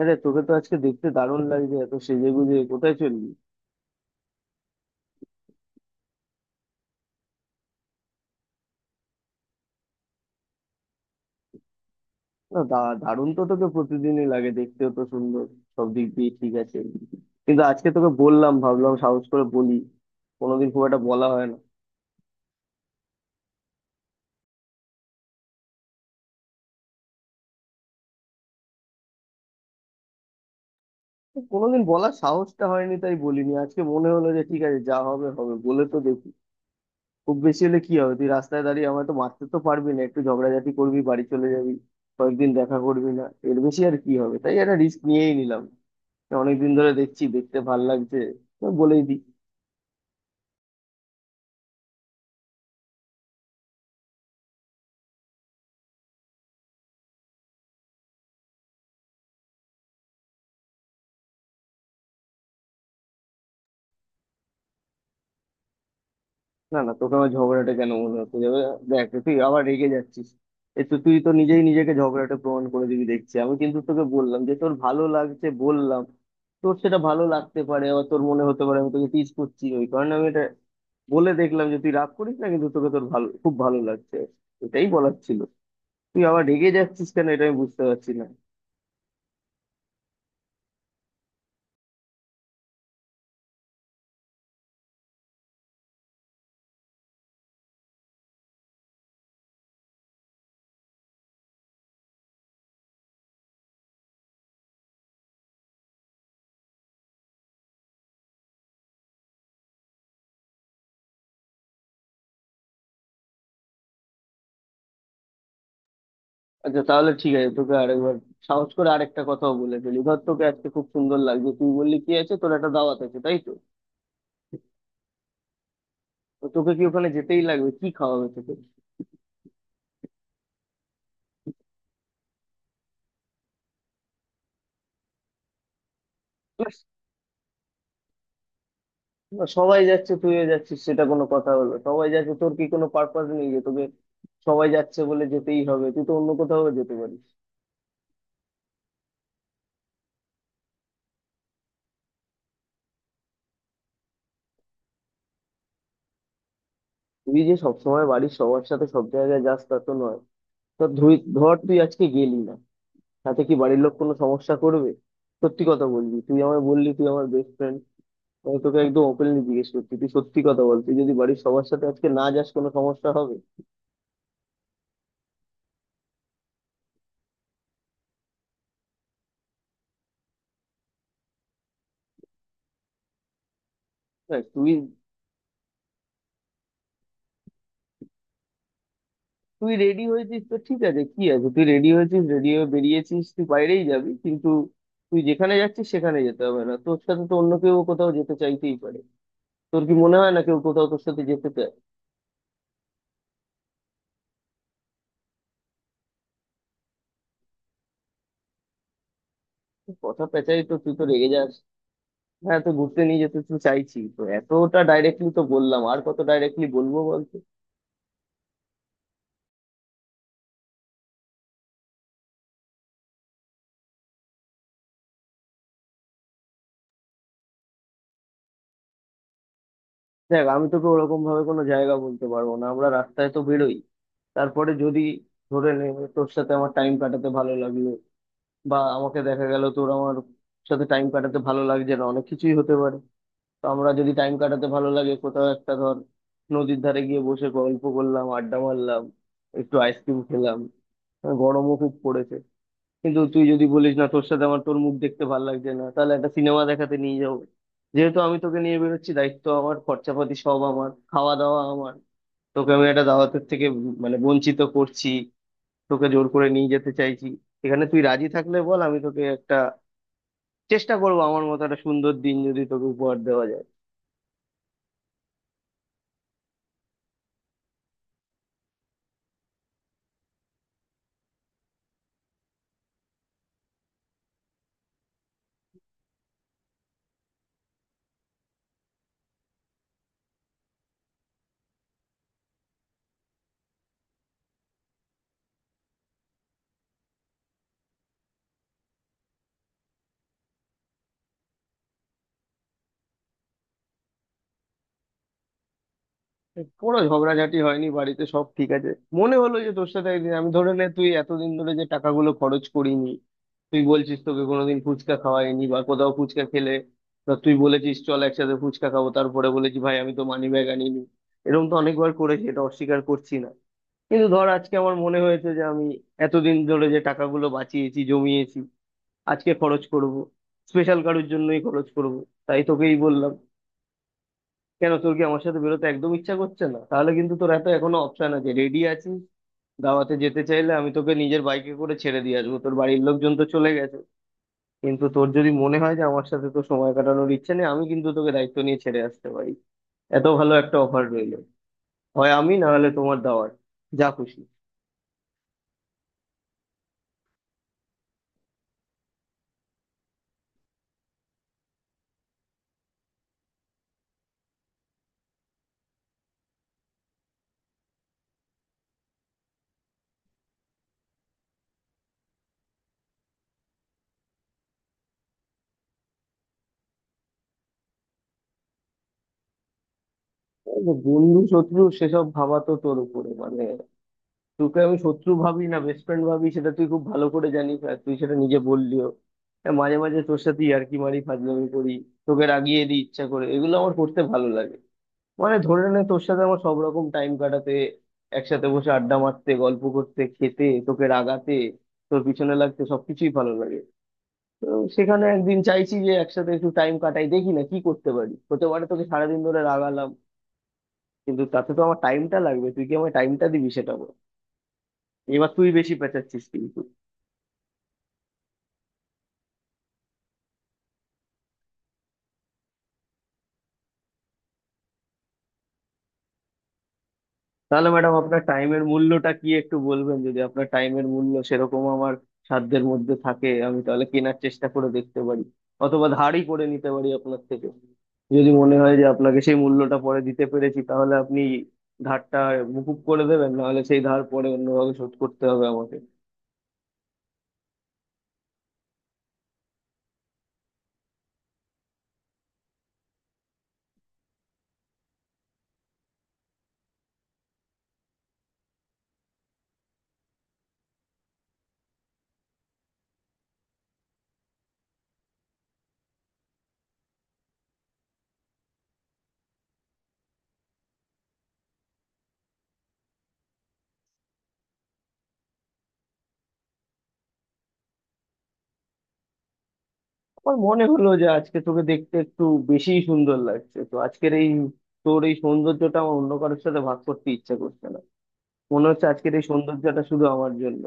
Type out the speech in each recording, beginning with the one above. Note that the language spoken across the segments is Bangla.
আরে তোকে তো আজকে দেখতে দারুণ লাগছে, এত সেজে গুজে কোথায় চললি? না দারুণ তো তোকে প্রতিদিনই লাগে, দেখতেও তো সুন্দর, সব দিক দিয়ে ঠিক আছে। কিন্তু আজকে তোকে বললাম, ভাবলাম সাহস করে বলি। কোনোদিন খুব একটা বলা হয় না। তো কোনোদিন বলার সাহসটা হয়নি তাই বলিনি, আজকে মনে হলো যে ঠিক আছে, যা হবে হবে, বলে তো দেখি। খুব বেশি হলে কি হবে, তুই রাস্তায় দাঁড়িয়ে আমায় তো মারতে তো পারবি না, একটু ঝগড়াঝাটি করবি, বাড়ি চলে যাবি, কয়েকদিন দেখা করবি না। এর বেশি আর কি হবে, তাই একটা রিস্ক নিয়েই নিলাম। অনেকদিন ধরে দেখছি, দেখতে ভাল লাগছে, তো বলেই দিই। না না, তোকে আমার ঝগড়াটা কেন মনে হচ্ছে যাবে। দেখ, তুই আবার রেগে যাচ্ছিস। এ তো তুই তো নিজেই নিজেকে ঝগড়াটা প্রমাণ করে দিবি দেখছি। আমি কিন্তু তোকে বললাম যে তোর ভালো লাগছে বললাম। তোর সেটা ভালো লাগতে পারে, আবার তোর মনে হতে পারে আমি তোকে টিজ করছি, ওই কারণে আমি এটা বলে দেখলাম যে তুই রাগ করিস না। কিন্তু তোকে, তোর ভালো, খুব ভালো লাগছে, এটাই বলার ছিল। তুই আবার রেগে যাচ্ছিস কেন এটা আমি বুঝতে পারছি না। আচ্ছা তাহলে ঠিক আছে, তোকে আরেকবার সাহস করে আরেকটা কথাও বলে ফেলি। ধর, তোকে আজকে খুব সুন্দর লাগছে, তুই বললি কি আছে তোর একটা দাওয়াত আছে, তাই তো? তো তোকে কি ওখানে যেতেই লাগবে? কি খাওয়াবে তোকে? ব্যাস, সবাই যাচ্ছে তুইও যাচ্ছিস, সেটা কোনো কথা হলো? সবাই যাচ্ছে, তোর কি কোনো পারপাস নেই যে তোকে সবাই যাচ্ছে বলে যেতেই হবে? তুই তো অন্য কোথাও যেতে পারিস। তুই যে সবসময় বাড়ির সবার সাথে সব জায়গায় যাস তা তো নয়। তো ধর তুই আজকে গেলি না, তাতে কি বাড়ির লোক কোনো সমস্যা করবে? সত্যি কথা বলবি, তুই আমায় বললি তুই আমার বেস্ট ফ্রেন্ড, আমি তোকে একদম ওপেনলি জিজ্ঞেস করছি, তুই সত্যি কথা বল, তুই যদি বাড়ির সবার সাথে আজকে না যাস কোনো সমস্যা হবে? দেখ, তুই, তুই রেডি হয়েছিস তো ঠিক আছে, কি আছে, তুই রেডি হয়েছিস, রেডি হয়ে বেরিয়েছিস, তুই বাইরেই যাবি, কিন্তু তুই যেখানে যাচ্ছিস সেখানে যেতে হবে না, তোর সাথে তো অন্য কেউ কোথাও যেতে চাইতেই পারে। তোর কি মনে হয় না কেউ কোথাও তোর সাথে যেতে চায়? তুই কথা পেঁচাই তো তুই তো রেগে যাস। হ্যাঁ, তো ঘুরতে নিয়ে যেতে তো চাইছি, তো এতটা ডাইরেক্টলি তো বললাম, আর কত ডাইরেক্টলি বলবো বলতে। দেখ, আমি তোকে ওরকম ভাবে কোনো জায়গা বলতে পারবো না, আমরা রাস্তায় তো বেরোই, তারপরে যদি, ধরে নে তোর সাথে আমার টাইম কাটাতে ভালো লাগলো, বা আমাকে দেখা গেল তোর আমার সাথে টাইম কাটাতে ভালো লাগছে না, অনেক কিছুই হতে পারে। তো আমরা যদি টাইম কাটাতে ভালো লাগে কোথাও একটা, ধর, নদীর ধারে গিয়ে বসে গল্প করলাম, আড্ডা মারলাম, একটু আইসক্রিম খেলাম, হ্যাঁ, গরমও খুব পড়েছে। কিন্তু তুই যদি বলিস না তোর সাথে আমার, তোর মুখ দেখতে ভালো লাগছে না, তাহলে একটা সিনেমা দেখাতে নিয়ে যাবো। যেহেতু আমি তোকে নিয়ে বেরোচ্ছি, দায়িত্ব আমার, খরচাপাতি সব আমার, খাওয়া দাওয়া আমার। তোকে আমি একটা দাওয়াতের থেকে মানে বঞ্চিত করছি, তোকে জোর করে নিয়ে যেতে চাইছি। এখানে তুই রাজি থাকলে বল, আমি তোকে একটা চেষ্টা করবো আমার মতো একটা সুন্দর দিন যদি তোকে উপহার দেওয়া যায়। কোনো ঝগড়াঝাটি হয়নি, বাড়িতে সব ঠিক আছে। মনে হলো যে তোর সাথে একদিন আমি, ধরে নে, তুই এতদিন ধরে যে টাকাগুলো খরচ করিনি, তুই বলছিস তোকে কোনোদিন ফুচকা খাওয়াইনি, বা কোথাও ফুচকা খেলে, বা তুই বলেছিস চল একসাথে ফুচকা খাবো, তারপরে বলেছি ভাই আমি তো মানি ব্যাগ আনিনি, এরকম তো অনেকবার করেছি, এটা অস্বীকার করছি না। কিন্তু ধর, আজকে আমার মনে হয়েছে যে আমি এতদিন ধরে যে টাকাগুলো বাঁচিয়েছি, জমিয়েছি, আজকে খরচ করব, স্পেশাল কারোর জন্যই খরচ করব, তাই তোকেই বললাম। কেন, তোর কি আমার সাথে বেরোতে একদম ইচ্ছা করছে না? তাহলে কিন্তু তোর এত এখনো অপশন আছে, রেডি আছিস, দাওয়াতে যেতে চাইলে আমি তোকে নিজের বাইকে করে ছেড়ে দিয়ে আসবো, তোর বাড়ির লোকজন তো চলে গেছে। কিন্তু তোর যদি মনে হয় যে আমার সাথে তো সময় কাটানোর ইচ্ছে নেই, আমি কিন্তু তোকে দায়িত্ব নিয়ে ছেড়ে আসতে পারি। এত ভালো একটা অফার রইলো, হয় আমি না হলে তোমার দাওয়ার, যা খুশি। এই যে বন্ধু শত্রু সেসব ভাবা তো তোর উপরে, মানে তোকে আমি শত্রু ভাবি না, বেস্ট ফ্রেন্ড ভাবি, সেটা তুই খুব ভালো করে জানিস, আর তুই সেটা নিজে বললিও। হ্যাঁ, মাঝে মাঝে তোর সাথে ইয়ার্কি মারি, ফাজলামি করি, তোকে রাগিয়ে দিই ইচ্ছা করে, এগুলো আমার করতে ভালো লাগে। মানে ধরে নে তোর সাথে আমার সব রকম টাইম কাটাতে, একসাথে বসে আড্ডা মারতে, গল্প করতে, খেতে, তোকে রাগাতে, তোর পিছনে লাগতে সবকিছুই ভালো লাগে। তো সেখানে একদিন চাইছি যে একসাথে একটু টাইম কাটাই, দেখি না কি করতে পারি, হতে পারে তোকে সারাদিন ধরে রাগালাম, কিন্তু তাতে তো আমার টাইমটা লাগবে, তুই কি আমার টাইমটা দিবি সেটা বল। এবার তুই বেশি পেঁচাচ্ছিস কিন্তু। তাহলে ম্যাডাম, আপনার টাইমের মূল্যটা কি একটু বলবেন? যদি আপনার টাইমের মূল্য সেরকম আমার সাধ্যের মধ্যে থাকে, আমি তাহলে কেনার চেষ্টা করে দেখতে পারি, অথবা ধারই করে নিতে পারি আপনার থেকে। যদি মনে হয় যে আপনাকে সেই মূল্যটা পরে দিতে পেরেছি, তাহলে আপনি ধারটা মুকুব করে দেবেন, নাহলে সেই ধার পরে অন্যভাবে শোধ করতে হবে আমাকে। আমার মনে হলো যে আজকে তোকে দেখতে একটু বেশিই সুন্দর লাগছে, তো আজকের এই, তোর এই সৌন্দর্যটা আমার অন্য কারোর সাথে ভাগ করতে ইচ্ছা করছে না, মনে হচ্ছে আজকের এই সৌন্দর্যটা শুধু আমার জন্য।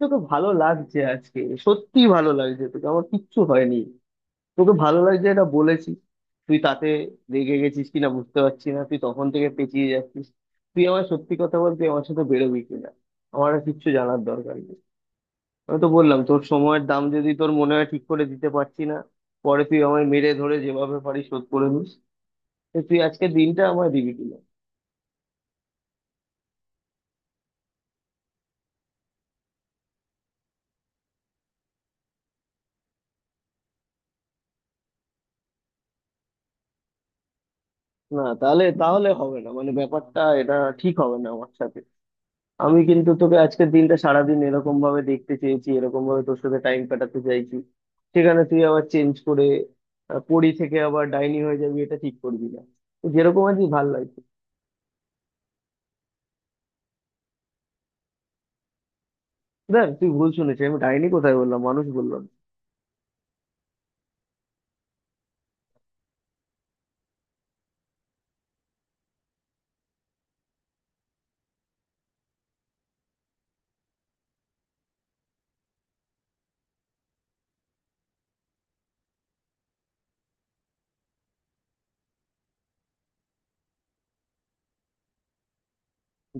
তোকে ভালো লাগছে আজকে। সত্যি ভালো লাগছে তোকে, আমার কিচ্ছু হয়নি, তোকে ভালো লাগছে এটা বলেছি, তুই তাতে রেগে গেছিস কিনা বুঝতে পারছি না, তুই তখন থেকে পেঁচিয়ে যাচ্ছিস। তুই আমার, সত্যি কথা বলতে আমার সাথে বেরোবি কিনা আমার আর কিচ্ছু জানার দরকার নেই। আমি তো বললাম তোর সময়ের দাম যদি তোর মনে হয় ঠিক করে দিতে পারছি না, পরে তুই আমায় মেরে ধরে যেভাবে পারিস শোধ করে নিস, তো তুই আজকে দিনটা আমায় দিবি কিনা। না তাহলে, তাহলে হবে না, মানে ব্যাপারটা এটা ঠিক হবে না আমার সাথে। আমি কিন্তু তোকে আজকের দিনটা সারাদিন এরকম ভাবে দেখতে চেয়েছি, এরকম ভাবে তোর সাথে টাইম কাটাতে চাইছি, সেখানে তুই আবার চেঞ্জ করে, পরী থেকে আবার ডাইনি হয়ে যাবি, এটা ঠিক করবি না। তো যেরকম আছি ভাল লাগছে। দেখ, তুই ভুল শুনেছিস, আমি ডাইনি কোথায় বললাম, মানুষ বললাম।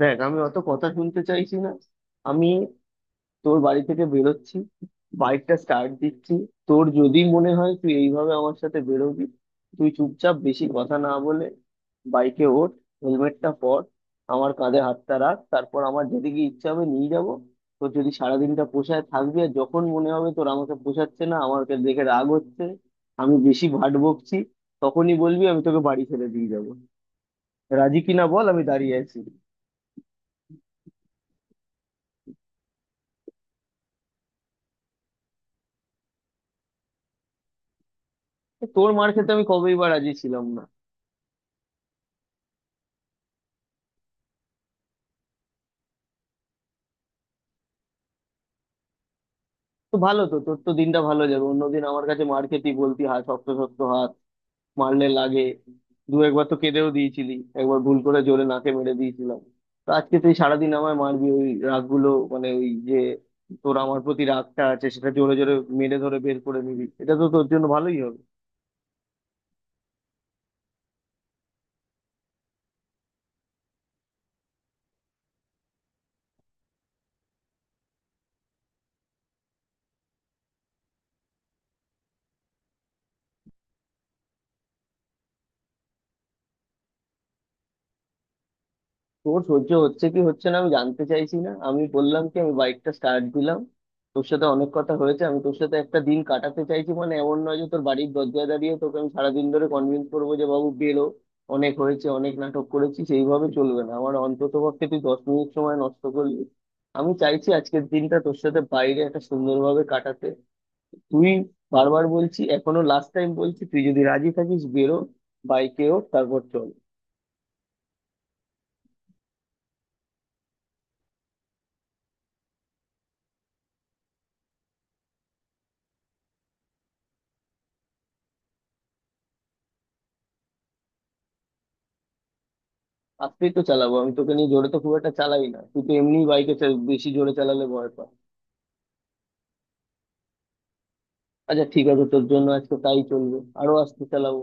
দেখ, আমি অত কথা শুনতে চাইছি না। আমি তোর বাড়ি থেকে বেরোচ্ছি, বাইকটা স্টার্ট দিচ্ছি, তোর যদি মনে হয় তুই এইভাবে আমার সাথে বেরোবি, তুই চুপচাপ বেশি কথা না বলে বাইকে ওঠ, হেলমেটটা পর, আমার কাঁধে হাতটা রাখ, তারপর আমার যেদিকে ইচ্ছা হবে নিয়ে যাব। তোর যদি সারাদিনটা পোষায় থাকবি, আর যখন মনে হবে তোর আমাকে পোষাচ্ছে না, আমাকে দেখে রাগ হচ্ছে, আমি বেশি ভাট বকছি, তখনই বলবি, আমি তোকে বাড়ি ছেড়ে দিয়ে যাবো। রাজি কিনা বল, আমি দাঁড়িয়ে আছি। তোর মার খেতে আমি কবেই বা রাজি ছিলাম। তো ভালো, তো তোর তো দিনটা ভালো যাবে, অন্যদিন আমার কাছে মার খেতেই বলতি, হাত শক্ত, শক্ত হাত, মারলে লাগে, দু একবার তো কেঁদেও দিয়েছিলি, একবার ভুল করে জোরে নাকে মেরে দিয়েছিলাম। তো আজকে তুই সারাদিন আমায় মারবি, ওই রাগগুলো, মানে ওই যে তোর আমার প্রতি রাগটা আছে সেটা জোরে জোরে মেরে ধরে বের করে নিবি, এটা তো তোর জন্য ভালোই হবে। তোর সহ্য হচ্ছে কি হচ্ছে না আমি জানতে চাইছি না, আমি বললাম কি, আমি বাইকটা স্টার্ট দিলাম। তোর সাথে অনেক কথা হয়েছে, আমি তোর সাথে একটা দিন কাটাতে চাইছি, মানে এমন নয় যে তোর বাড়ির দরজায় দাঁড়িয়ে তোকে আমি সারাদিন ধরে কনভিন্স করবো যে বাবু বেরো। অনেক হয়েছে, অনেক নাটক করেছি, সেইভাবে চলবে না আমার। অন্তত পক্ষে তুই 10 মিনিট সময় নষ্ট করলি। আমি চাইছি আজকের দিনটা তোর সাথে বাইরে একটা সুন্দরভাবে কাটাতে। তুই, বারবার বলছি, এখনো লাস্ট টাইম বলছি, তুই যদি রাজি থাকিস বেরো, বাইকে হোক, তারপর চল। আজকেই তো চালাবো, আমি তোকে নিয়ে জোরে তো খুব একটা চালাই না, তুই তো এমনি বাইকে বেশি জোরে চালালে ভয় পায়। আচ্ছা ঠিক আছে, তোর জন্য আজকে তাই চলবে, আরো আস্তে চালাবো।